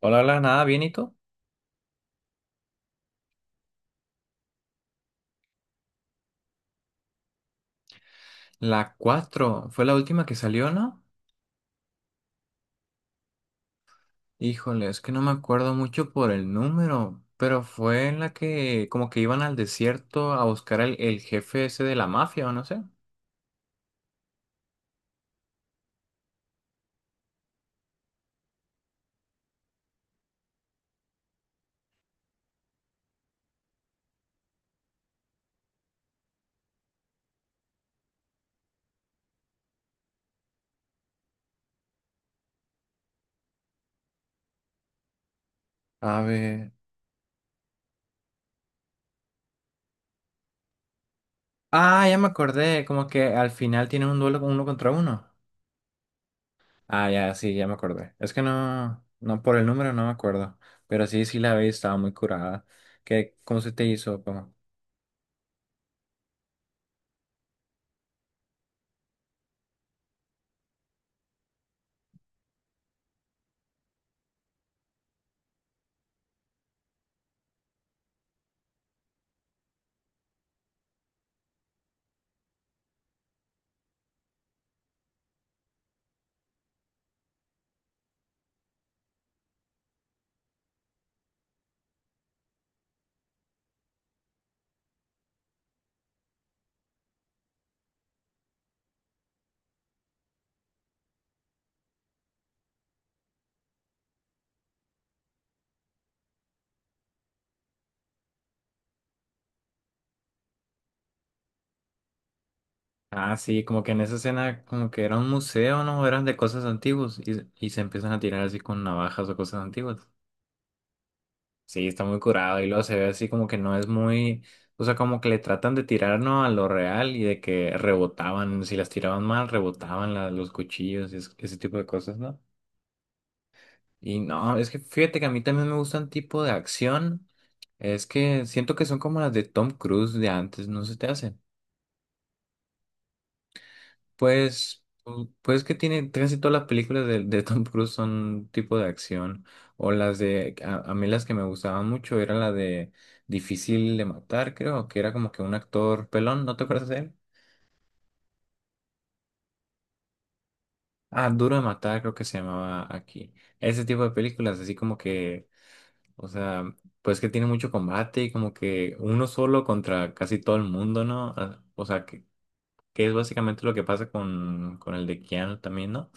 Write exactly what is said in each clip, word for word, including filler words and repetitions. Hola, hola, nada, bien, ¿y tú? La cuatro ¿fue la última que salió, no? Híjole, es que no me acuerdo mucho por el número, pero fue en la que como que iban al desierto a buscar al el jefe ese de la mafia, o no sé. A ver. Ah, ya me acordé, como que al final tienen un duelo con uno contra uno. Ah, ya, sí, ya me acordé. Es que no, no, por el número no me acuerdo, pero sí, sí la vi, estaba muy curada. ¿Qué, cómo se te hizo? ¿Cómo? Ah, sí, como que en esa escena, como que era un museo, ¿no? Eran de cosas antiguas y, y se empiezan a tirar así con navajas o cosas antiguas. Sí, está muy curado y luego se ve así como que no es muy, o sea, como que le tratan de tirar, ¿no? A lo real y de que rebotaban, si las tiraban mal, rebotaban la- los cuchillos y es- ese tipo de cosas, ¿no? Y no, es que fíjate que a mí también me gustan tipo de acción, es que siento que son como las de Tom Cruise de antes, ¿no se te hace? Pues, pu- pues que tiene casi todas las películas de, de Tom Cruise son tipo de acción. O las de, a, a mí las que me gustaban mucho era la de Difícil de Matar, creo, que era como que un actor pelón, ¿no te acuerdas de él? Ah, Duro de Matar, creo que se llamaba aquí. Ese tipo de películas, así como que, o sea, pues que tiene mucho combate y como que uno solo contra casi todo el mundo, ¿no? Ah, O sea, que, que es básicamente lo que pasa con, con el de Keanu también, ¿no?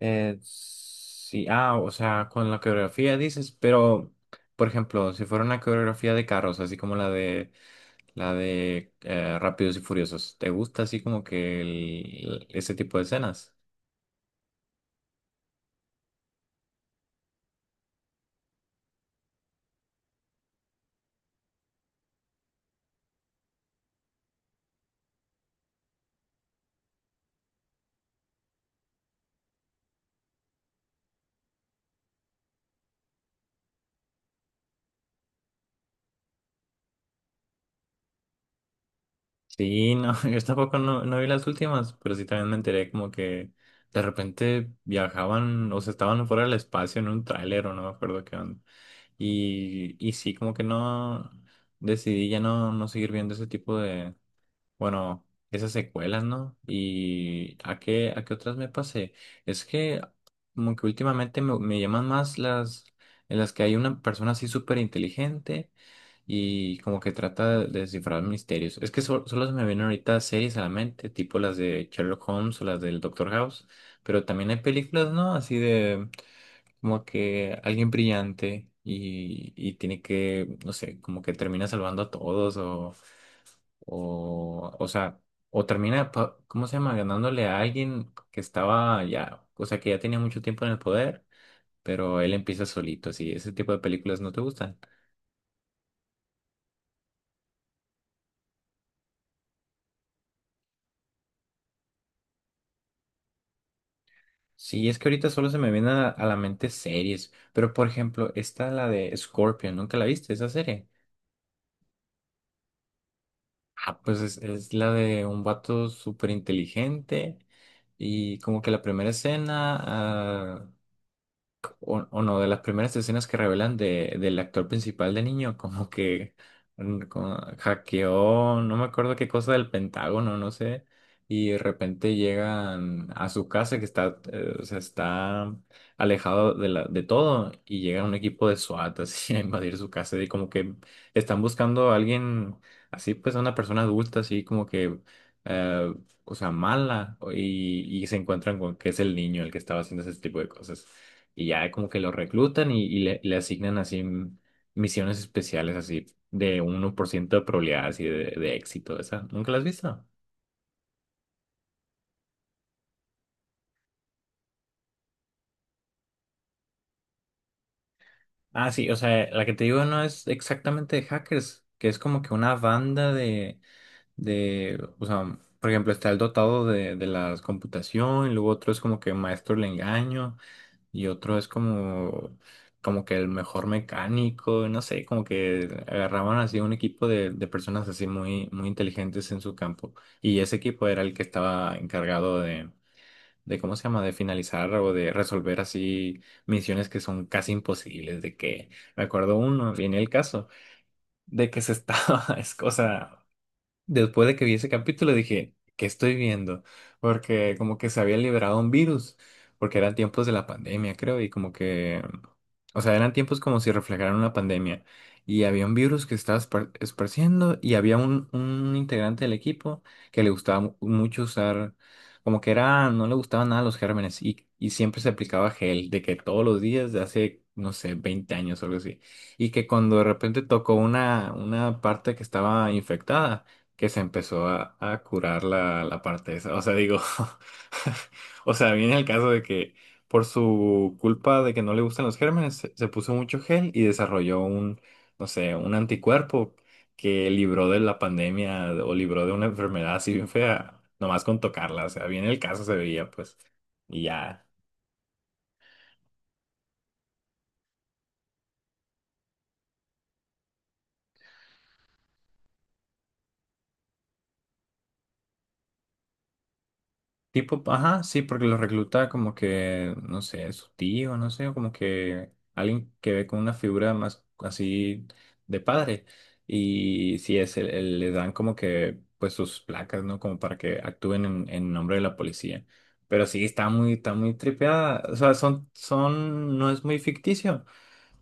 Eh, sí, ah, o sea, con la coreografía dices, pero, por ejemplo, si fuera una coreografía de carros, así como la de la de eh, Rápidos y Furiosos, ¿te gusta así como que el- ese tipo de escenas? Sí, no, yo tampoco no, no vi las últimas, pero sí también me enteré como que de repente viajaban, o sea, estaban fuera del espacio en un tráiler o no me acuerdo qué onda. Y, y sí, como que no decidí ya no, no seguir viendo ese tipo. Bueno, esas secuelas, ¿no? ¿Y a qué, a qué otras me pasé? Es que como que últimamente me, me llaman más las en las que hay una persona así súper inteligente y como que trata de descifrar misterios. Es que sol- solo se me vienen ahorita series a la mente, tipo las de Sherlock Holmes o las del Doctor House, pero también hay películas, ¿no? Así de como que alguien brillante y, y tiene que, no sé, como que termina salvando a todos o, o, o sea, o termina, pa- ¿cómo se llama? Ganándole a alguien que estaba ya, o sea, que ya tenía mucho tiempo en el poder, pero él empieza solito, así, ese tipo de películas no te gustan. Sí, es que ahorita solo se me vienen a, a la mente series, pero por ejemplo, está la de Scorpion, ¿nunca la viste esa serie? Ah, pues es, es la de un vato súper inteligente y como que la primera escena ah, o uno de las primeras escenas que revelan de, del actor principal de niño, como que mm, como hackeó, no me acuerdo qué cosa del Pentágono, no sé, y de repente llegan a su casa que está, eh, o sea, está alejado de, la, de todo y llega un equipo de SWAT así a invadir su casa y como que están buscando a alguien así, pues a una persona adulta, así como que eh, o sea, mala, o- y, y se encuentran con que es el niño el que estaba haciendo ese tipo de cosas. Y ya como que lo reclutan y, y le, le asignan así mm, misiones especiales así de uno por ciento de probabilidad así de, de éxito. Esa, ¿nunca la has visto? Ah, sí, o sea, la que te digo no es exactamente de hackers, que es como que una banda de, de, o sea, por ejemplo, está el dotado de, de la computación, y luego otro es como que maestro del engaño, y otro es como, como que el mejor mecánico, no sé, como que agarraban así un equipo de, de personas así muy, muy inteligentes en su campo. Y ese equipo era el que estaba encargado de, de, ¿cómo se llama?, de finalizar o de resolver así misiones que son casi imposibles, de que, me acuerdo uno, viene el caso, de que se estaba, es cosa. Después de que vi ese capítulo dije, ¿qué estoy viendo? Porque como que se había liberado un virus, porque eran tiempos de la pandemia, creo, y como que, o sea, eran tiempos como si reflejaran una pandemia. Y había un virus que estaba espar- esparciendo y había un, un, integrante del equipo que le gustaba mu- mucho usar, como que era, no le gustaban nada los gérmenes y, y siempre se aplicaba gel, de que todos los días de hace, no sé, veinte años o algo así. Y que cuando de repente tocó una, una, parte que estaba infectada, que se empezó a, a curar la, la parte esa. O sea, digo, o sea, viene el caso de que por su culpa de que no le gustan los gérmenes, se, se puso mucho gel y desarrolló un, no sé, un anticuerpo que libró de la pandemia o libró de una enfermedad así bien fea, nomás con tocarla. O sea, viene el caso, se veía, pues, y ya. Tipo, ajá, sí, porque lo recluta como que, no sé, su tío, no sé, o como que alguien que ve con una figura más así de padre. Y sí, es, el- el- le dan como que, pues sus placas, ¿no? Como para que actúen en, en nombre de la policía. Pero sí, está muy, está muy tripeada. O sea, son, son, no es muy ficticio.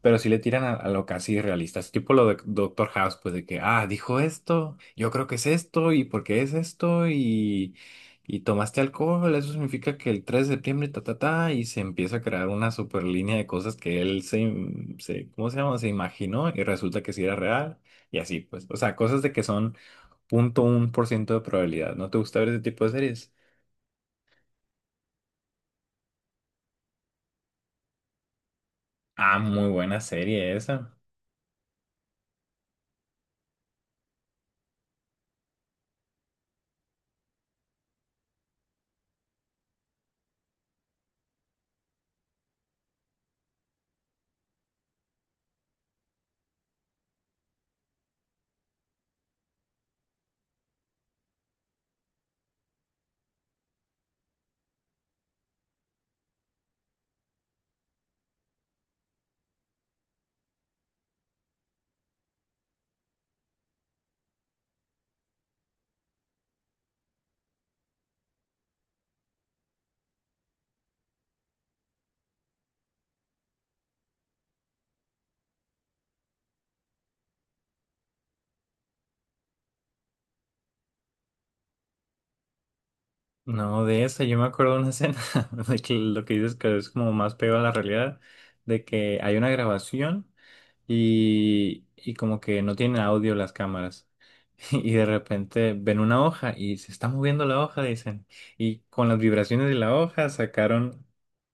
Pero si le tiran a, a lo casi realista, es tipo lo de Doctor House, pues de que, ah, dijo esto, yo creo que es esto, y porque es esto, y, y tomaste alcohol, eso significa que el tres de septiembre, ta, ta, ta, y se empieza a crear una super línea de cosas que él se, im- se, ¿cómo se llama? Se imaginó y resulta que sí era real, y así, pues, o sea, cosas de que son punto uno por ciento de probabilidad. ¿No te gusta ver ese tipo de series? Ah, muy buena serie esa. No, de esa, yo me acuerdo de una escena, de que lo que dices que es como más pegado a la realidad, de que hay una grabación y, y como que no tienen audio las cámaras. Y de repente ven una hoja y se está moviendo la hoja, dicen. Y con las vibraciones de la hoja sacaron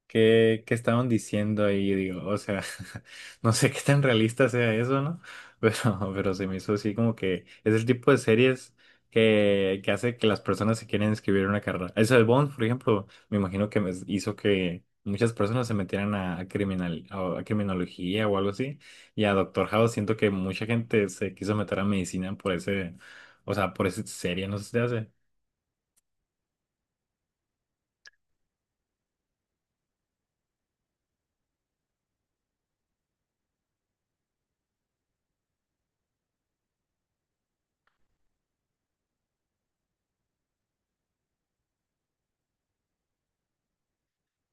qué, qué estaban diciendo y digo, o sea, no sé qué tan realista sea eso, ¿no? Pero, pero se me hizo así como que es el tipo de series que, que hace que las personas se quieran escribir una carrera. Eso de Bond, por ejemplo, me imagino que me hizo que muchas personas se metieran a, a criminal, a a criminología o algo así. Y a Doctor House siento que mucha gente se quiso meter a medicina por ese, o sea, por esa serie no se te hace.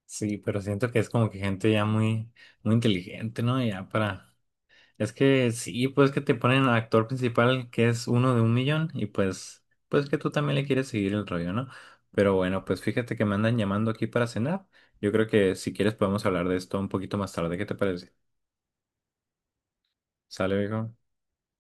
Sí, pero siento que es como que gente ya muy, muy inteligente, ¿no? Ya para. Es que sí, pues que te ponen al actor principal que es uno de un millón y pues, pues que tú también le quieres seguir el rollo, ¿no? Pero bueno, pues fíjate que me andan llamando aquí para cenar. Yo creo que si quieres podemos hablar de esto un poquito más tarde. ¿Qué te parece? ¿Sale, viejo?